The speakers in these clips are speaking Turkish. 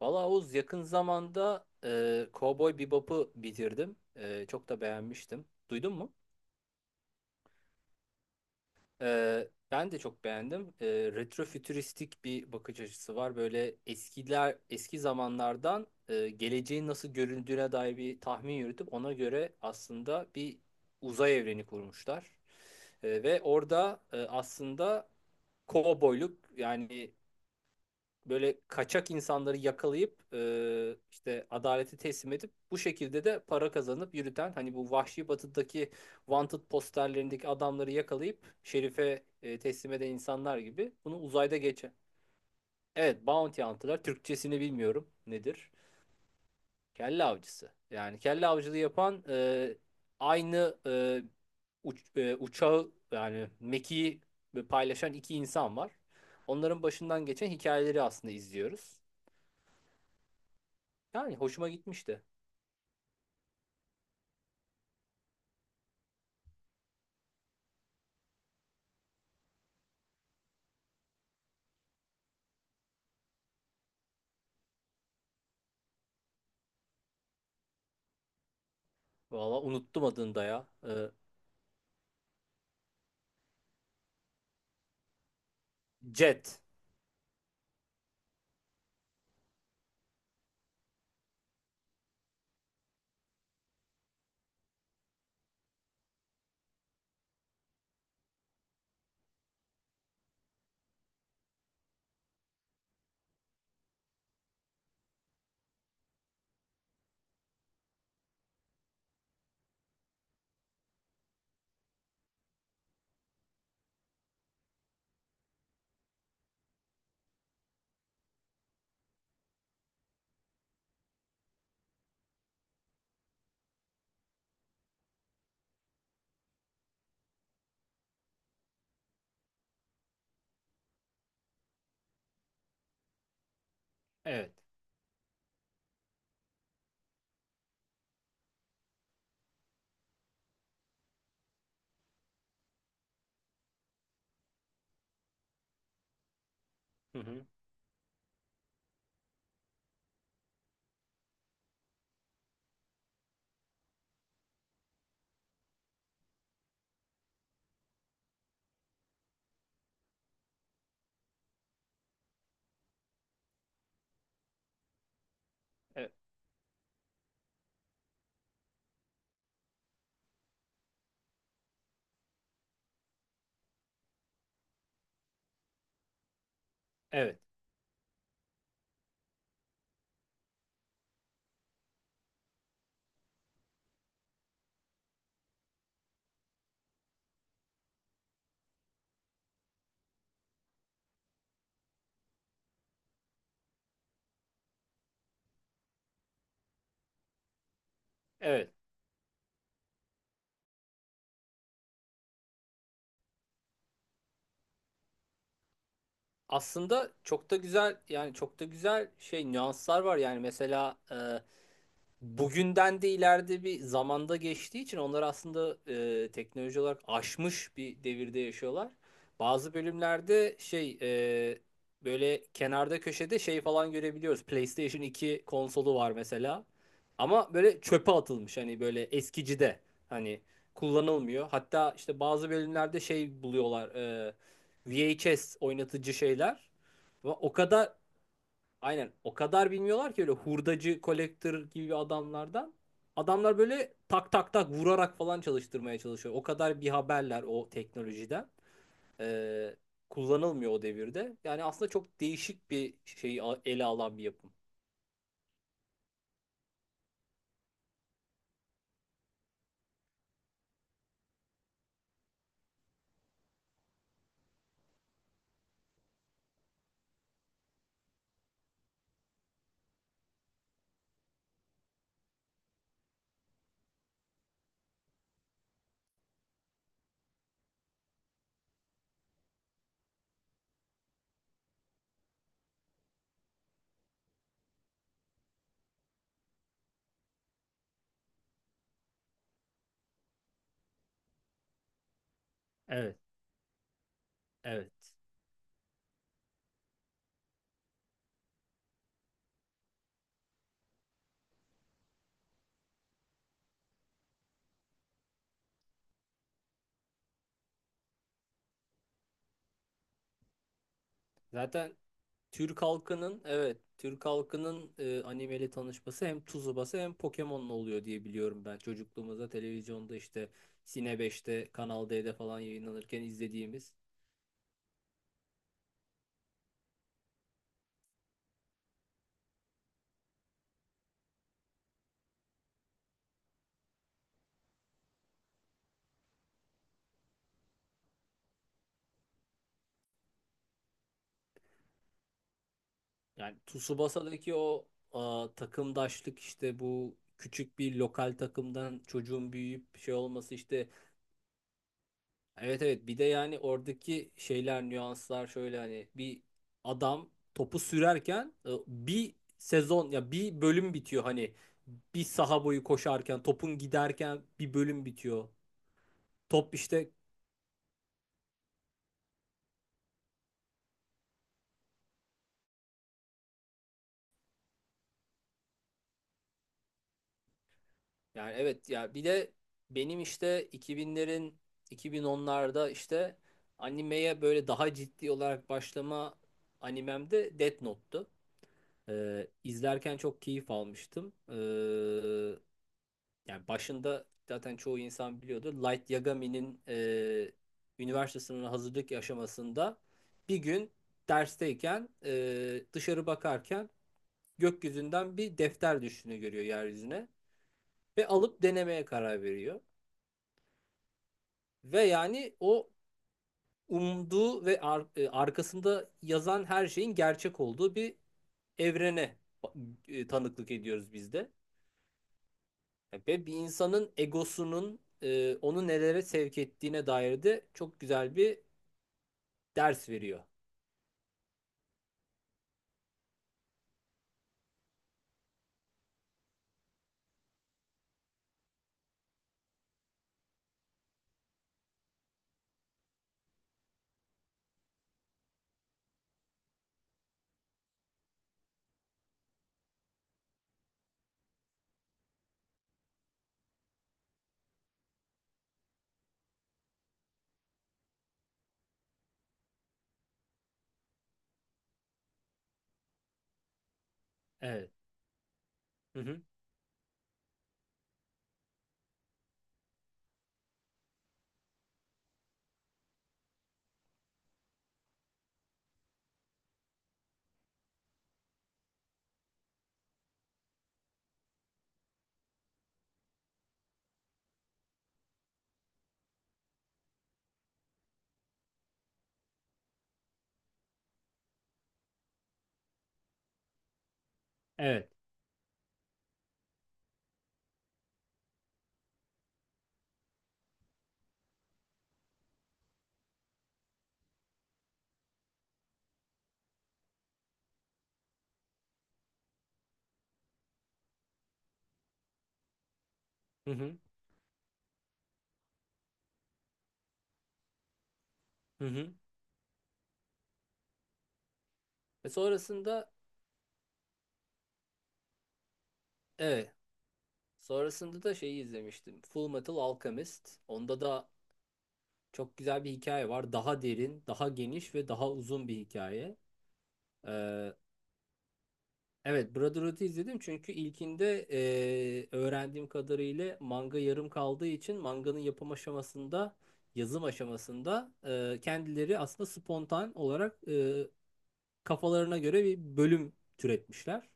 Valla Oğuz yakın zamanda Cowboy Bebop'u bitirdim. Çok da beğenmiştim. Duydun mu? Ben de çok beğendim. Retrofütüristik bir bakış açısı var. Böyle eski zamanlardan geleceğin nasıl göründüğüne dair bir tahmin yürütüp ona göre aslında bir uzay evreni kurmuşlar. Ve orada aslında kovboyluk yani böyle kaçak insanları yakalayıp işte adalete teslim edip bu şekilde de para kazanıp yürüten hani bu Vahşi Batı'daki wanted posterlerindeki adamları yakalayıp şerife teslim eden insanlar gibi bunu uzayda geçen. Evet, bounty hunter'lar Türkçesini bilmiyorum, nedir? Kelle avcısı. Yani kelle avcılığı yapan aynı uçağı yani mekiği paylaşan iki insan var. Onların başından geçen hikayeleri aslında izliyoruz. Yani hoşuma gitmişti. Valla unuttum adını da ya. Jet. Evet. Hı hı. E- evet. Evet. Aslında çok da güzel yani çok da güzel şey nüanslar var, yani mesela bugünden de ileride bir zamanda geçtiği için onlar aslında teknoloji olarak aşmış bir devirde yaşıyorlar. Bazı bölümlerde şey böyle kenarda köşede şey falan görebiliyoruz. PlayStation iki konsolu var mesela. Ama böyle çöpe atılmış, hani böyle eskicide, hani kullanılmıyor. Hatta işte bazı bölümlerde şey buluyorlar, VHS oynatıcı şeyler. Ve O kadar Aynen, o kadar bilmiyorlar ki öyle hurdacı, kolektör gibi adamlardan. Adamlar böyle tak tak tak vurarak falan çalıştırmaya çalışıyor. O kadar bir haberler o teknolojiden. Ee, Kullanılmıyor o devirde. Yani aslında çok değişik bir şeyi ele alan bir yapım. Evet, evet. Zaten Türk halkının, evet, Türk halkının animeyle tanışması hem Tsubasa hem Pokemon'la oluyor diye biliyorum ben. Çocukluğumuzda televizyonda işte Sine 5'te, Kanal D'de falan yayınlanırken izlediğimiz. Yani Tsubasa'daki o takımdaşlık, işte bu küçük bir lokal takımdan çocuğun büyüyüp şey olması işte. Evet, evet, bir de yani oradaki şeyler, nüanslar şöyle, hani bir adam topu sürerken bir sezon ya bir bölüm bitiyor, hani bir saha boyu koşarken topun giderken bir bölüm bitiyor. Top işte. Yani evet ya, bir de benim işte iki binlerin, 2010'larda işte animeye böyle daha ciddi olarak başlama animem de Death Note'tu. İzlerken çok keyif almıştım. Yani başında zaten çoğu insan biliyordu. Light Yagami'nin üniversite sınavına hazırlık aşamasında bir gün dersteyken dışarı bakarken gökyüzünden bir defter düştüğünü görüyor yeryüzüne ve alıp denemeye karar veriyor. Ve yani o umduğu ve arkasında yazan her şeyin gerçek olduğu bir evrene tanıklık ediyoruz biz de. Yani ve bir insanın egosunun onu nelere sevk ettiğine dair de çok güzel bir ders veriyor. Evet. Hı hı. Evet. Hı hı. Hı hı. Ve sonrasında evet. Sonrasında da şeyi izlemiştim, Full Metal Alchemist. Onda da çok güzel bir hikaye var. Daha derin, daha geniş ve daha uzun bir hikaye. Ee, Evet, Brotherhood'u izledim çünkü ilkinde öğrendiğim kadarıyla manga yarım kaldığı için manganın yapım aşamasında, yazım aşamasında kendileri aslında spontan olarak kafalarına göre bir bölüm türetmişler.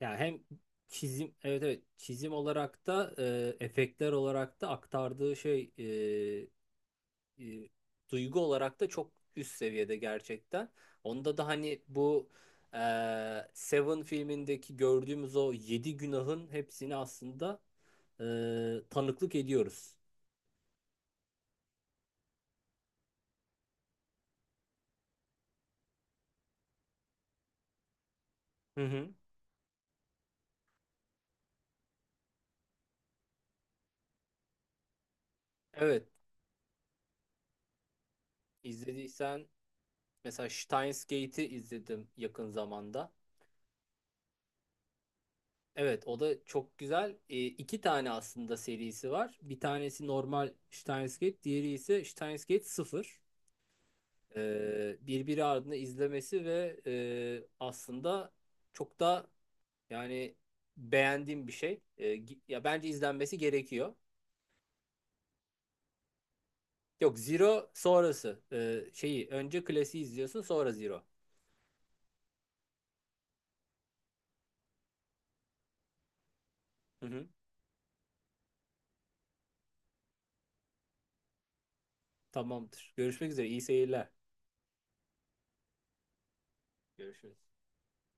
Yani hem çizim, evet, evet, çizim olarak da efektler olarak da aktardığı şey, e, duygu olarak da çok üst seviyede gerçekten. Onda da hani bu e, Seven filmindeki gördüğümüz o yedi günahın hepsini aslında e, tanıklık ediyoruz. Hı hı. Evet, izlediysen, mesela Steins Gate'i izledim yakın zamanda. Evet, o da çok güzel. İki tane aslında serisi var. Bir tanesi normal Steins Gate, diğeri ise Steins Gate 0. Birbiri ardına izlemesi ve aslında çok da, yani beğendiğim bir şey. Ya bence izlenmesi gerekiyor. Yok, Zero sonrası. Şeyi önce klasiği izliyorsun, sonra Zero. Hı hı. Tamamdır. Görüşmek üzere. İyi seyirler. Görüşürüz.